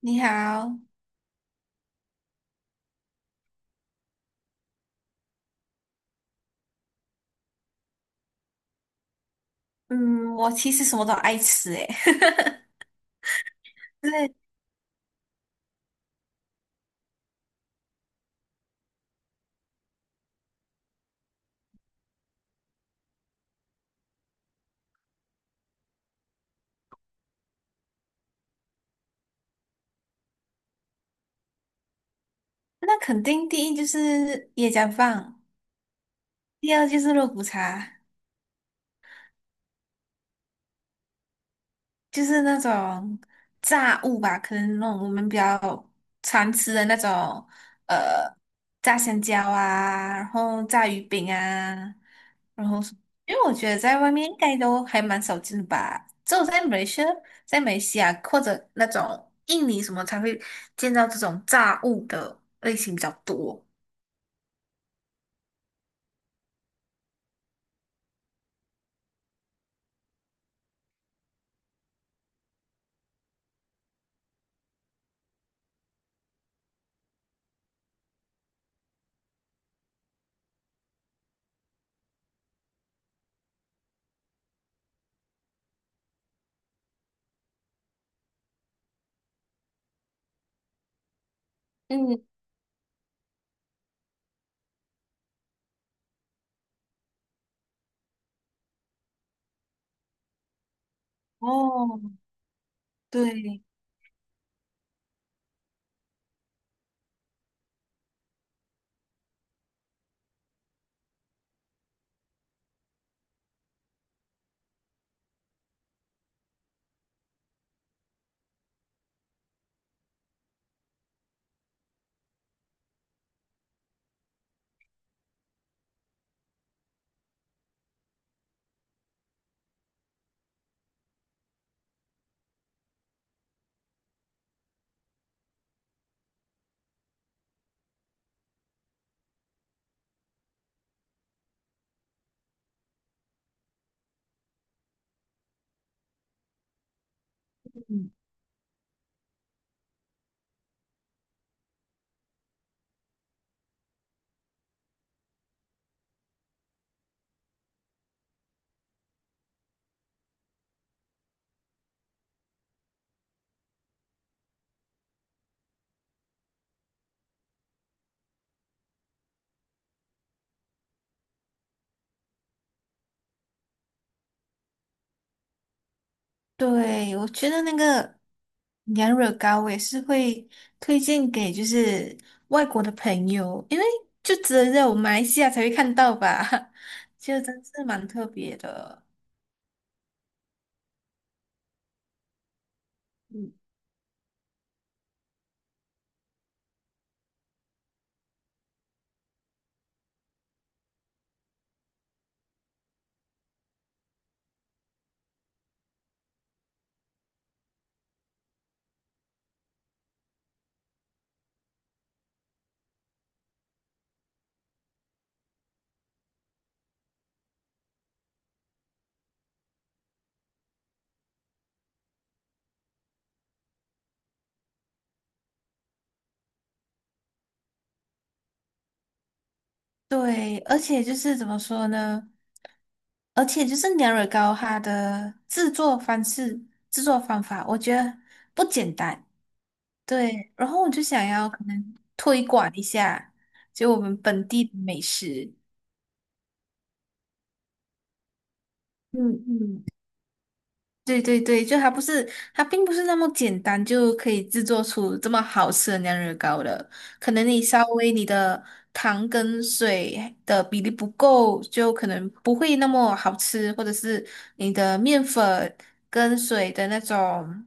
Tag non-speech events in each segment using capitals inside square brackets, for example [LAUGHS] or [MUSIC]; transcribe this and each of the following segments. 你好，嗯，我其实什么都爱吃诶，[LAUGHS] 对，那肯定第一就是椰浆饭，第二就是肉骨茶，就是那种炸物吧，可能那种我们比较常吃的那种，呃，炸香蕉啊，然后炸鱼饼啊，然后什因为我觉得在外面应该都还蛮少见的吧，只有在美来西亚或者那种印尼什么才会见到这种炸物的类型比较多。嗯，哦，对，对，我觉得那个羊惹糕我也是会推荐给就是外国的朋友，因为就只有在我们马来西亚才会看到吧，[LAUGHS] 就真是蛮特别的。嗯，对，而且就是怎么说呢？而且就是娘惹糕它的制作方式、制作方法，我觉得不简单。对，然后我就想要可能推广一下，就我们本地的美食。嗯嗯。对对对，就它不是，它并不是那么简单就可以制作出这么好吃的酿热糕的。可能你稍微你的糖跟水的比例不够，就可能不会那么好吃，或者是你的面粉跟水的那种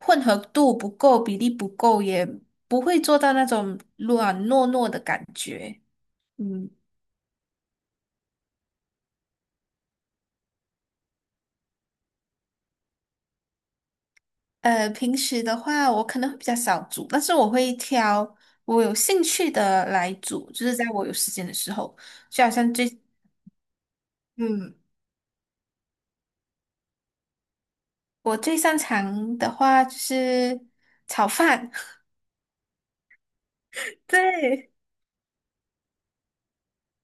混合度不够，比例不够，也不会做到那种软糯糯的感觉。嗯。平时的话，我可能会比较少煮，但是我会挑我有兴趣的来煮，就是在我有时间的时候，就好像最，嗯，我最擅长的话就是炒饭，[LAUGHS] 对。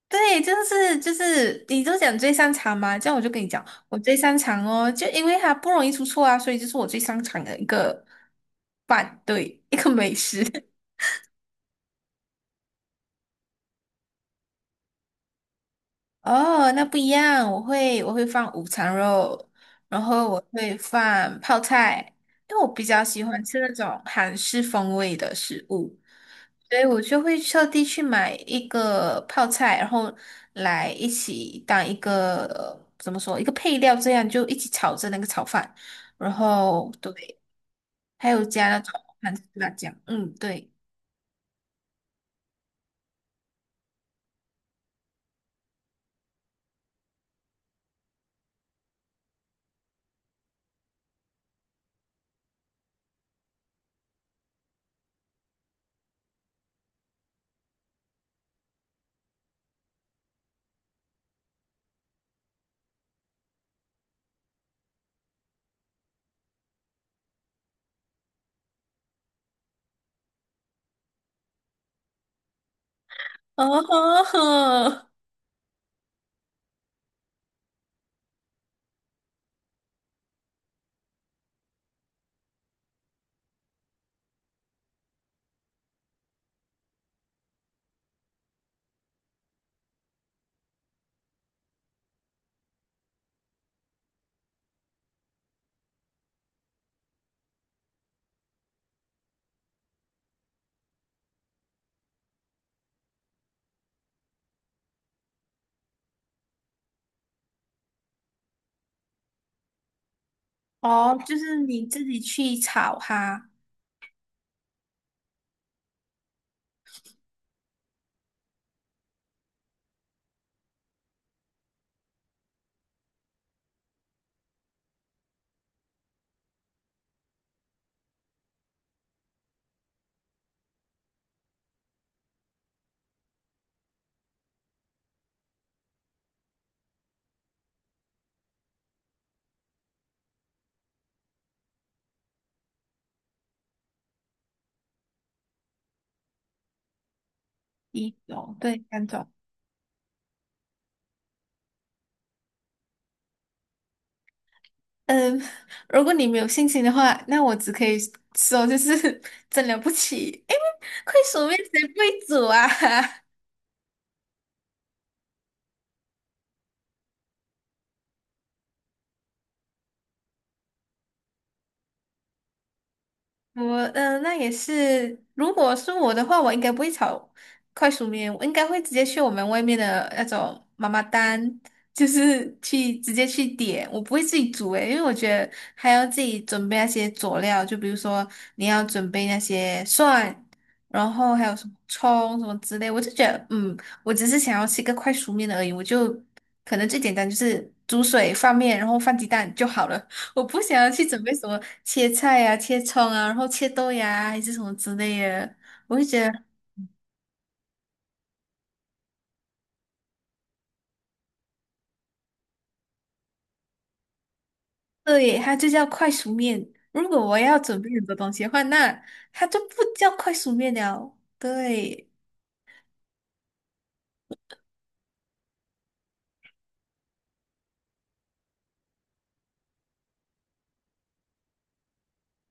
对，就是就是，你都讲最擅长嘛，这样我就跟你讲，我最擅长哦，就因为它不容易出错啊，所以就是我最擅长的一个饭，对，一个美食。[LAUGHS] 哦，那不一样，我会放午餐肉，然后我会放泡菜，因为我比较喜欢吃那种韩式风味的食物，所以我就会特地去买一个泡菜，然后来一起当一个，怎么说，一个配料，这样就一起炒着那个炒饭，然后对，还有加那种韩式辣酱，嗯，对，哦，[LAUGHS] 哦，就是你自己去炒哈。一种，对，三种。嗯，[LAUGHS] 如果你没有信心的话，那我只可以说就是 [LAUGHS] 真了不起，因为快手面谁不会煮啊？[LAUGHS] 我那也是。如果是我的话，我应该不会炒快熟面，我应该会直接去我们外面的那种妈妈档，就是去直接去点，我不会自己煮诶，因为我觉得还要自己准备那些佐料，就比如说你要准备那些蒜，然后还有什么葱什么之类，我就觉得嗯，我只是想要吃一个快熟面的而已，我就可能最简单就是煮水放面，然后放鸡蛋就好了。我不想要去准备什么切菜呀、切葱啊，然后切豆芽啊还是什么之类的。我会觉得，对，它就叫快熟面。如果我要准备很多东西的话，那它就不叫快熟面了。对，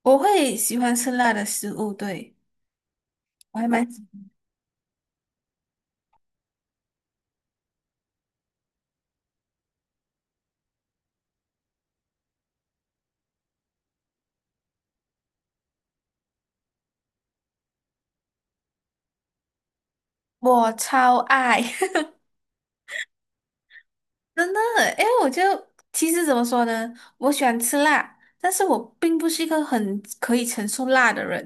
我会喜欢吃辣的食物，对，我还蛮，我超爱，[LAUGHS] 真的。哎，我就其实怎么说呢，我喜欢吃辣，但是我并不是一个很可以承受辣的人。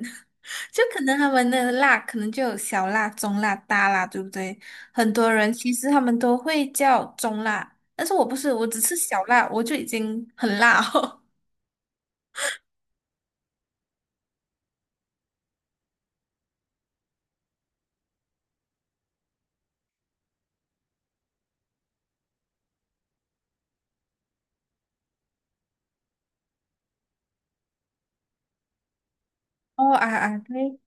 就可能他们的辣可能就有小辣、中辣、大辣，对不对？很多人其实他们都会叫中辣，但是我不是，我只吃小辣，我就已经很辣哦。[LAUGHS] 哦啊啊，对，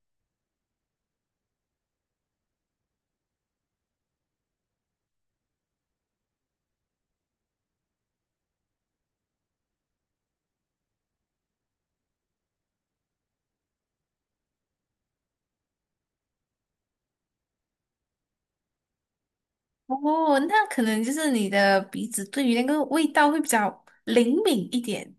哦，那可能就是你的鼻子对于那个味道会比较灵敏一点。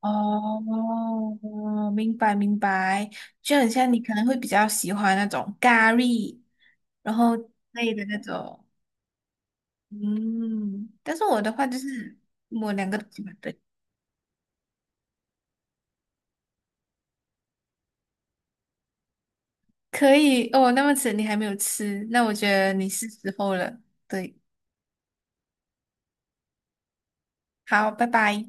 哦，明白明白，就很像你可能会比较喜欢那种咖喱，然后类的那种，嗯，但是我的话就是我两个都喜欢对。可以哦，那么迟你还没有吃，那我觉得你是时候了。对，好，拜拜。